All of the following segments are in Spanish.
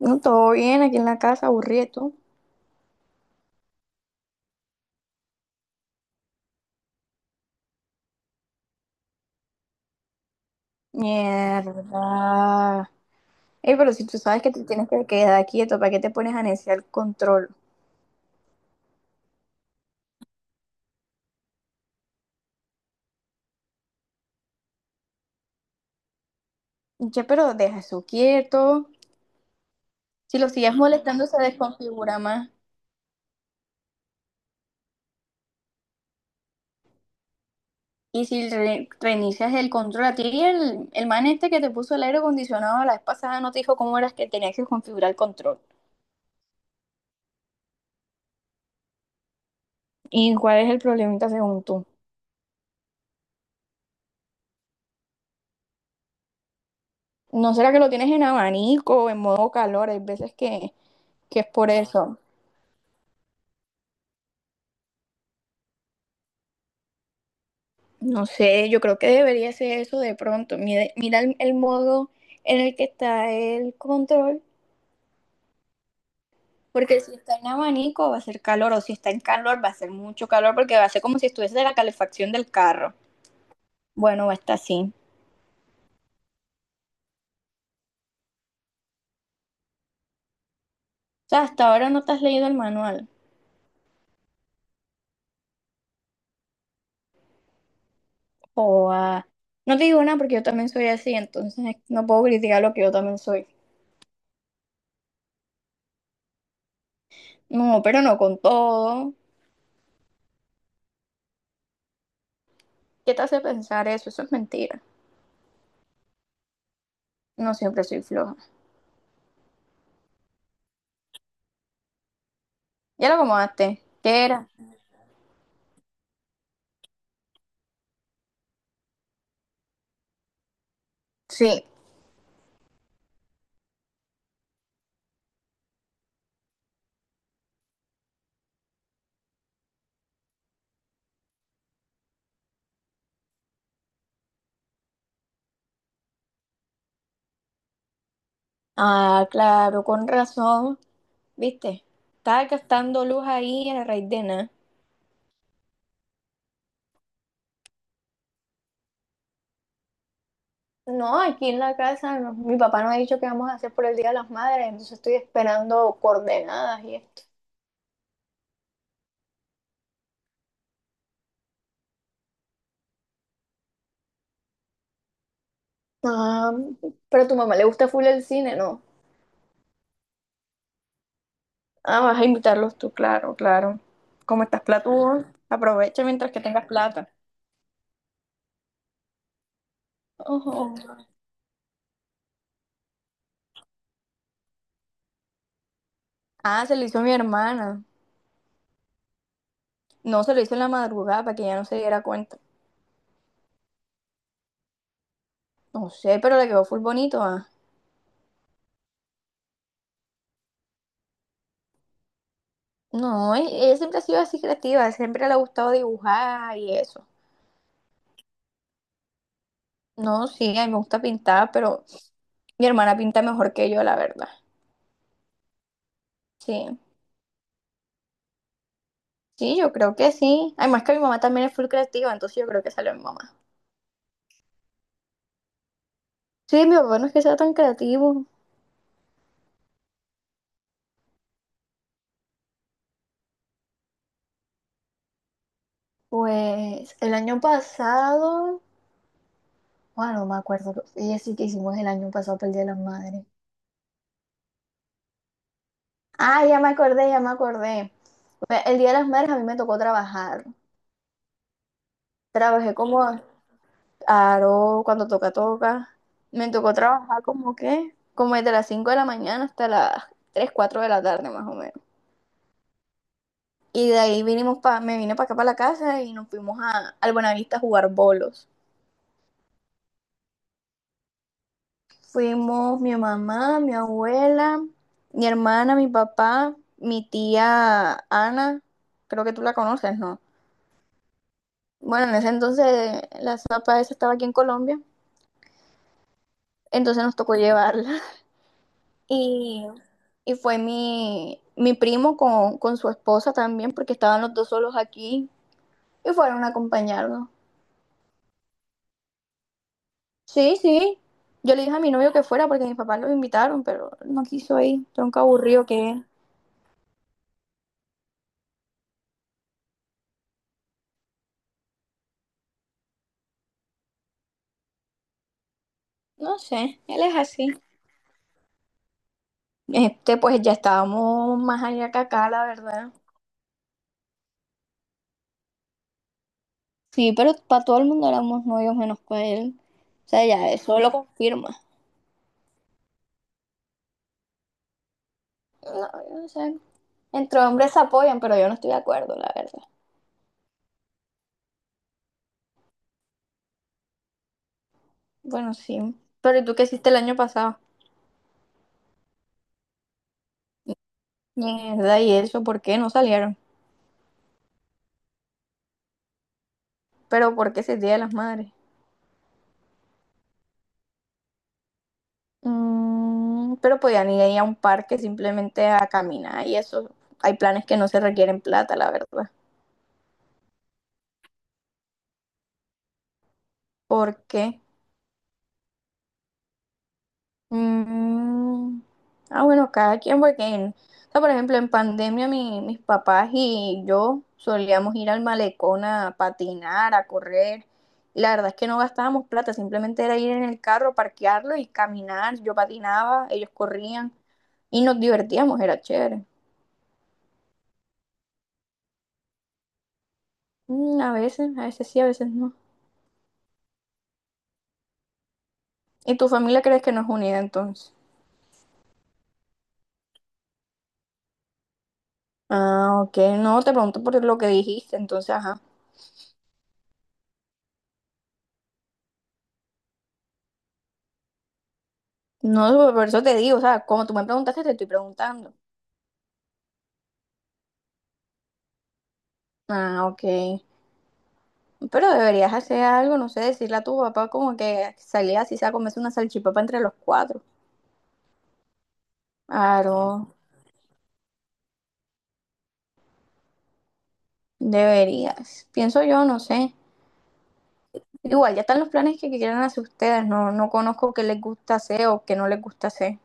No, todo bien, aquí en la casa, aburrido. ¿Tú? Mierda. Ey, pero si tú sabes que te tienes que quedar quieto, ¿para qué te pones a neciar el control? Ya, pero deja eso quieto. Si lo sigues molestando, se desconfigura más. Y si reinicias el control, a ti el man este que te puso el aire acondicionado la vez pasada, ¿no te dijo cómo eras que tenías que configurar el control? ¿Y cuál es el problemita según tú? ¿No será que lo tienes en abanico o en modo calor? Hay veces que es por eso. No sé, yo creo que debería ser eso de pronto. Mira, mira el modo en el que está el control, porque si está en abanico va a ser calor, o si está en calor va a ser mucho calor, porque va a ser como si estuviese de la calefacción del carro. Bueno, va a estar así. O sea, hasta ahora no te has leído el manual. O ah, no te digo nada porque yo también soy así, entonces no puedo criticar lo que yo también soy. No, pero no con todo. ¿Qué te hace pensar eso? Eso es mentira. No siempre soy floja. Ya lo acomodaste. ¿Qué era? Sí. Ah, claro, con razón, ¿viste? Estaba gastando luz ahí en el raíz de nada. No, aquí en la casa no, mi papá nos ha dicho que vamos a hacer por el Día de las Madres, entonces estoy esperando coordenadas y esto. Ah, pero a tu mamá le gusta full el cine, ¿no? Ah, vas a invitarlos tú, claro, claro. Como estás platudo, aprovecha mientras que tengas plata. Ojo. Ah, se lo hizo mi hermana. No, se lo hizo en la madrugada para que ella no se diera cuenta. No sé, pero le quedó full bonito, ah. No, ella siempre ha sido así creativa, siempre le ha gustado dibujar y eso. No, sí, a mí me gusta pintar, pero mi hermana pinta mejor que yo, la verdad. Sí, sí, yo creo que sí. Además que mi mamá también es full creativa, entonces yo creo que salió mi mamá. Sí, mi papá no es que sea tan creativo. Pues el año pasado, bueno, no me acuerdo, ella sí que hicimos el año pasado para el Día de las Madres. Ah, ya me acordé, ya me acordé. Pues, el Día de las Madres a mí me tocó trabajar. Trabajé como, claro, cuando toca, toca. Me tocó trabajar como que, como desde las 5 de la mañana hasta las 3 4 de la tarde más o menos. Y de ahí vinimos pa, me vine para acá para la casa y nos fuimos a, al Buenavista a jugar bolos. Fuimos mi mamá, mi abuela, mi hermana, mi papá, mi tía Ana, creo que tú la conoces, ¿no? Bueno, en ese entonces la zapa esa estaba aquí en Colombia, entonces nos tocó llevarla. Y, y fue mi primo con su esposa también, porque estaban los dos solos aquí y fueron a acompañarnos. Sí, sí. Yo le dije a mi novio que fuera porque mis papás lo invitaron, pero no quiso ir. Tronco aburrido que es. No sé, él es así. Este, pues ya estábamos más allá que acá, la verdad. Sí, pero para todo el mundo éramos novios menos para él. O sea, ya eso lo confirma. No, yo no sé. Entre hombres se apoyan, pero yo no estoy de acuerdo, la verdad. Bueno, sí. Pero ¿y tú qué hiciste el año pasado? Mierda, ¿y eso por qué no salieron? Pero ¿por qué ese Día de las Madres? Mm, pero podían ir ahí a un parque simplemente a caminar y eso. Hay planes que no se requieren plata, la verdad. ¿Por qué? Mm, ah, bueno, cada quien, porque, o sea, por ejemplo, en pandemia mis papás y yo solíamos ir al malecón a patinar, a correr, y la verdad es que no gastábamos plata, simplemente era ir en el carro, parquearlo y caminar. Yo patinaba, ellos corrían y nos divertíamos, era chévere. Mm, a veces sí, a veces no. ¿Y tu familia crees que no es unida entonces? Ah, ok, no, te pregunto por lo que dijiste, entonces, ajá. No, por eso te digo, o sea, como tú me preguntaste, te estoy preguntando. Ah, ok. Pero deberías hacer algo, no sé, decirle a tu papá como que salía así sea a comerse una salchipapa entre los cuatro. Claro, deberías. Pienso yo, no sé. Igual, ya están los planes que quieran hacer ustedes. No, no conozco qué les gusta hacer o qué no les gusta hacer.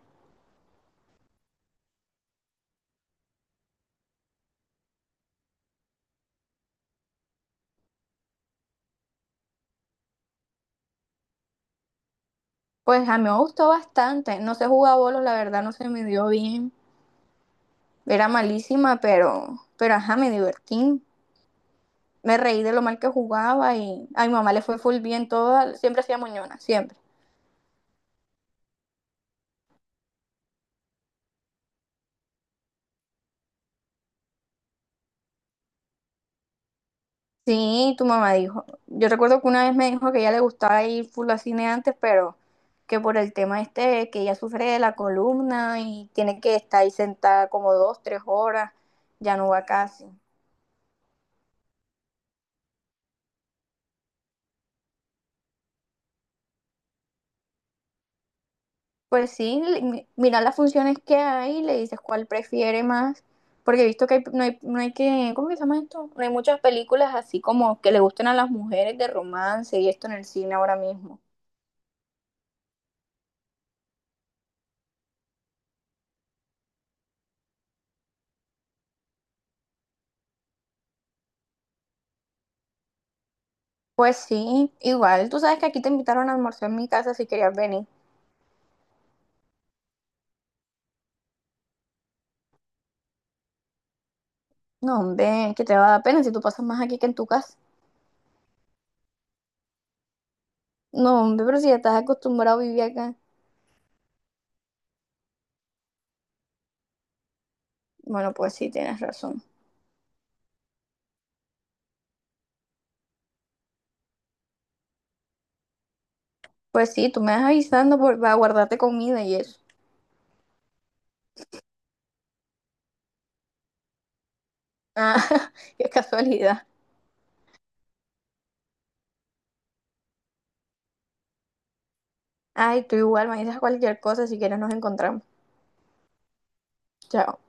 Pues a mí me gustó bastante. No sé jugar bolos, la verdad no se me dio bien. Era malísima, pero ajá, me divertí. Me reí de lo mal que jugaba y a mi mamá le fue full bien toda. Siempre hacía moñona, siempre. Sí, tu mamá dijo. Yo recuerdo que una vez me dijo que a ella le gustaba ir full al cine antes, pero que por el tema este, que ella sufre de la columna y tiene que estar ahí sentada como dos, tres horas, ya no va casi. Pues sí, mira las funciones que hay, le dices cuál prefiere más, porque he visto que no hay, no hay que, ¿cómo que se llama esto? No hay muchas películas así como que le gusten a las mujeres de romance y esto en el cine ahora mismo. Pues sí, igual, tú sabes que aquí te invitaron a almorzar en mi casa si querías venir. No, hombre, que te va a dar pena si tú pasas más aquí que en tu casa. No, hombre, pero si ya estás acostumbrado a vivir acá. Bueno, pues sí, tienes razón. Pues sí, tú me vas avisando por, para guardarte comida y eso. Ah, qué casualidad. Ay, tú igual me dices cualquier cosa, si quieres nos encontramos. Chao.